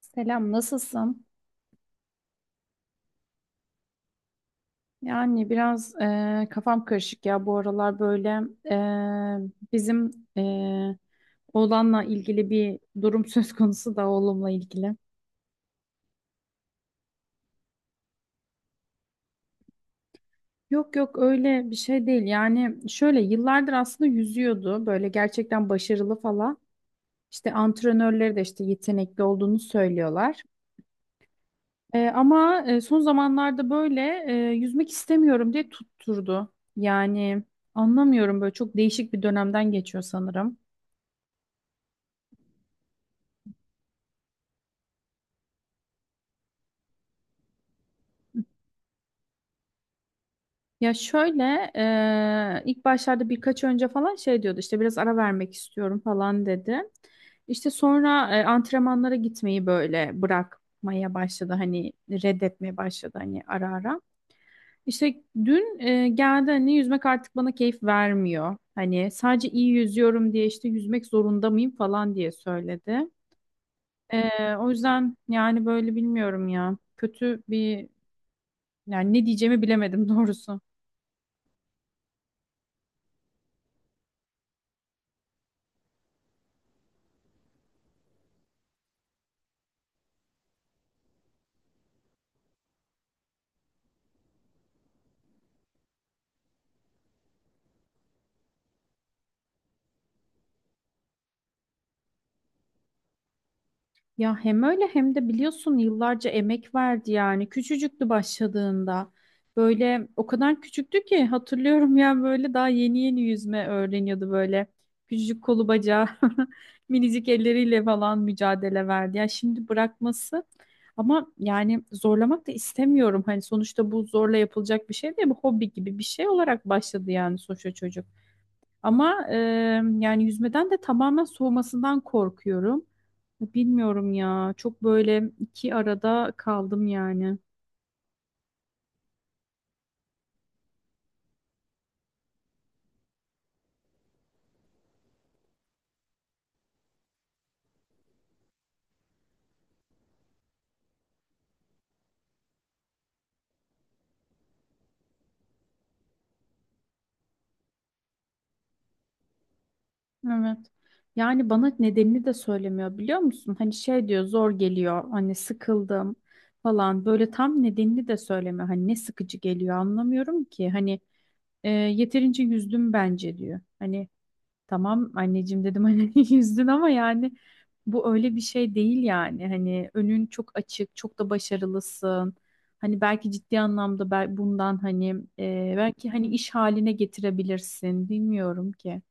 Selam, nasılsın? Yani biraz kafam karışık ya bu aralar böyle, bizim eee oğlanla ilgili bir durum söz konusu da oğlumla ilgili. Yok yok öyle bir şey değil yani şöyle yıllardır aslında yüzüyordu böyle gerçekten başarılı falan. İşte antrenörleri de işte yetenekli olduğunu söylüyorlar. Ama son zamanlarda böyle, yüzmek istemiyorum diye tutturdu. Yani anlamıyorum böyle çok değişik bir dönemden geçiyor sanırım. Ya şöyle, ilk başlarda birkaç önce falan şey diyordu işte biraz ara vermek istiyorum falan dedi. İşte sonra antrenmanlara gitmeyi böyle bırakmaya başladı hani reddetmeye başladı hani ara ara. İşte dün geldi hani yüzmek artık bana keyif vermiyor. Hani sadece iyi yüzüyorum diye işte yüzmek zorunda mıyım falan diye söyledi. O yüzden yani böyle bilmiyorum ya kötü bir yani ne diyeceğimi bilemedim doğrusu. Ya hem öyle hem de biliyorsun yıllarca emek verdi yani. Küçücüktü başladığında. Böyle o kadar küçüktü ki hatırlıyorum, yani böyle daha yeni yeni yüzme öğreniyordu böyle. Küçücük kolu bacağı, minicik elleriyle falan mücadele verdi. Ya şimdi bırakması, ama yani zorlamak da istemiyorum. Hani sonuçta bu zorla yapılacak bir şey değil, bu hobi gibi bir şey olarak başladı yani sonuçta çocuk. Ama yani yüzmeden de tamamen soğumasından korkuyorum. Bilmiyorum ya. Çok böyle iki arada kaldım yani. Evet. Yani bana nedenini de söylemiyor, biliyor musun? Hani şey diyor zor geliyor. Hani sıkıldım falan. Böyle tam nedenini de söylemiyor. Hani ne sıkıcı geliyor anlamıyorum ki. Hani yeterince yüzdüm bence diyor. Hani tamam anneciğim dedim hani, yüzdün ama yani bu öyle bir şey değil yani. Hani önün çok açık, çok da başarılısın. Hani belki ciddi anlamda bundan hani belki hani iş haline getirebilirsin. Bilmiyorum ki.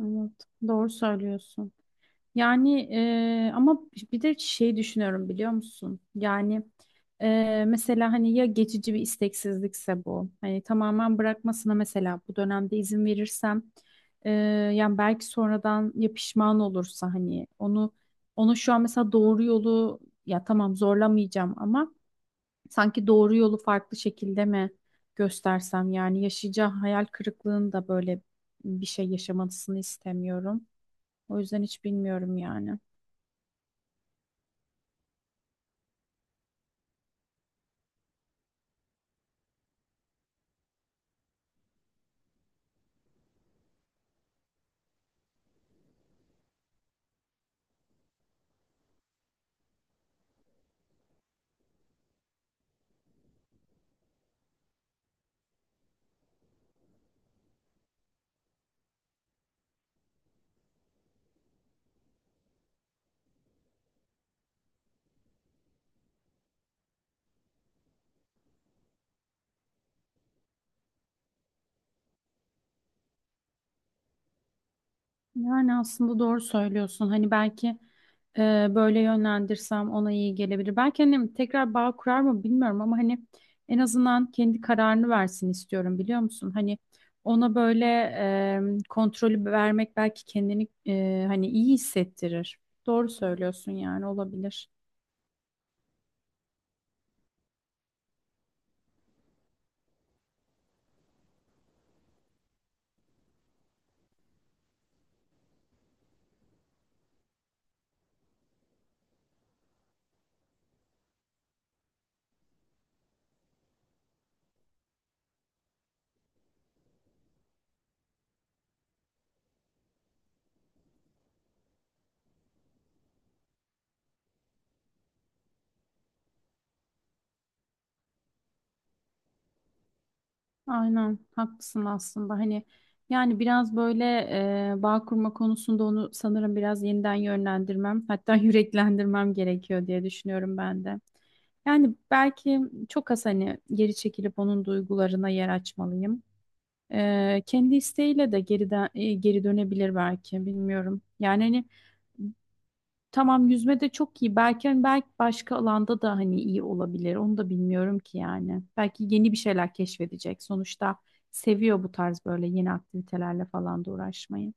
Evet, doğru söylüyorsun. Yani, ama bir de şey düşünüyorum biliyor musun? Yani, mesela hani ya geçici bir isteksizlikse bu. Hani tamamen bırakmasına mesela bu dönemde izin verirsem eee, yani belki sonradan ya pişman olursa hani onu şu an mesela doğru yolu, ya tamam zorlamayacağım ama sanki doğru yolu farklı şekilde mi göstersem, yani yaşayacağı hayal kırıklığını da böyle bir şey yaşamasını istemiyorum. O yüzden hiç bilmiyorum yani. Yani aslında doğru söylüyorsun. Hani belki e, böyle yönlendirsem ona iyi gelebilir. Belki annem tekrar bağ kurar mı bilmiyorum, ama hani en azından kendi kararını versin istiyorum, biliyor musun? Hani ona böyle kontrolü vermek belki kendini hani iyi hissettirir. Doğru söylüyorsun yani olabilir. Aynen haklısın aslında hani yani biraz böyle bağ kurma konusunda onu sanırım biraz yeniden yönlendirmem, hatta yüreklendirmem gerekiyor diye düşünüyorum ben de. Yani belki çok az hani geri çekilip onun duygularına yer açmalıyım. Kendi isteğiyle de geriden, geri dönebilir belki, bilmiyorum. Yani hani tamam, yüzme de çok iyi. Belki hani belki başka alanda da hani iyi olabilir. Onu da bilmiyorum ki yani. Belki yeni bir şeyler keşfedecek. Sonuçta seviyor bu tarz böyle yeni aktivitelerle falan da uğraşmayı.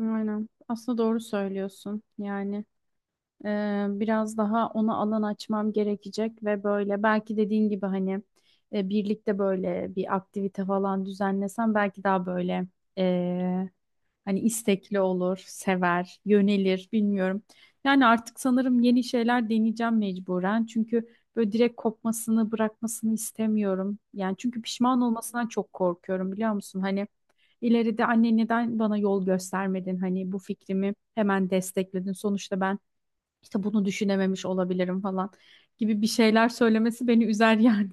Aynen. Aslında doğru söylüyorsun. Yani, biraz daha ona alan açmam gerekecek ve böyle belki dediğin gibi hani, birlikte böyle bir aktivite falan düzenlesem belki daha böyle hani istekli olur, sever, yönelir, bilmiyorum. Yani artık sanırım yeni şeyler deneyeceğim mecburen. Çünkü böyle direkt kopmasını, bırakmasını istemiyorum. Yani çünkü pişman olmasından çok korkuyorum, biliyor musun? Hani ileride anne neden bana yol göstermedin? Hani bu fikrimi hemen destekledin. Sonuçta ben işte bunu düşünememiş olabilirim falan gibi bir şeyler söylemesi beni üzer yani.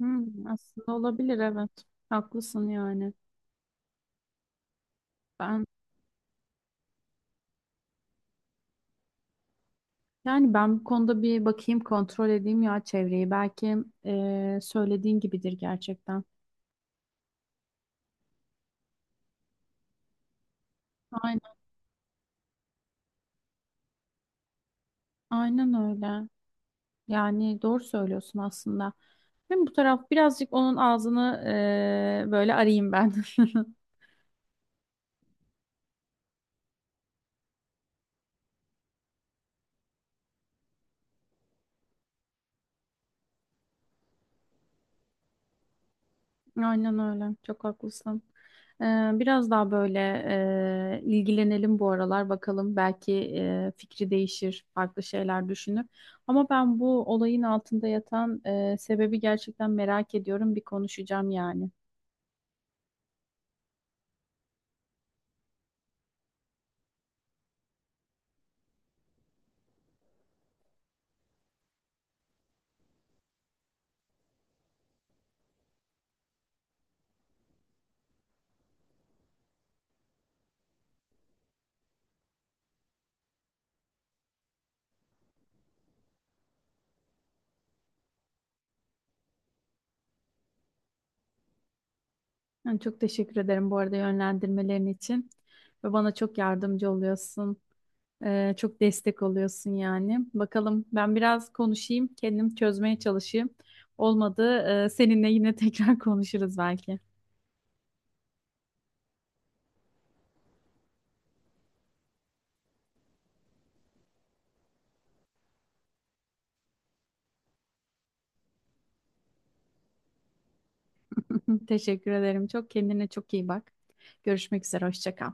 Hmm, aslında olabilir, evet. Haklısın yani. Ben, yani ben bu konuda bir bakayım, kontrol edeyim ya çevreyi. Belki söylediğin gibidir gerçekten. Aynen, aynen öyle. Yani doğru söylüyorsun aslında. Hem bu taraf birazcık onun ağzını böyle arayayım ben. Aynen öyle. Çok haklısın. Ee, Biraz daha böyle ilgilenelim bu aralar bakalım. Belki fikri değişir, farklı şeyler düşünür. Ama ben bu olayın altında yatan sebebi gerçekten merak ediyorum. Bir konuşacağım yani. Yani çok teşekkür ederim bu arada yönlendirmelerin için. Ve bana çok yardımcı oluyorsun. Çok destek oluyorsun yani. Bakalım ben biraz konuşayım, kendim çözmeye çalışayım. Olmadı seninle yine tekrar konuşuruz belki. Teşekkür ederim. Çok kendine çok iyi bak. Görüşmek üzere. Hoşça kal.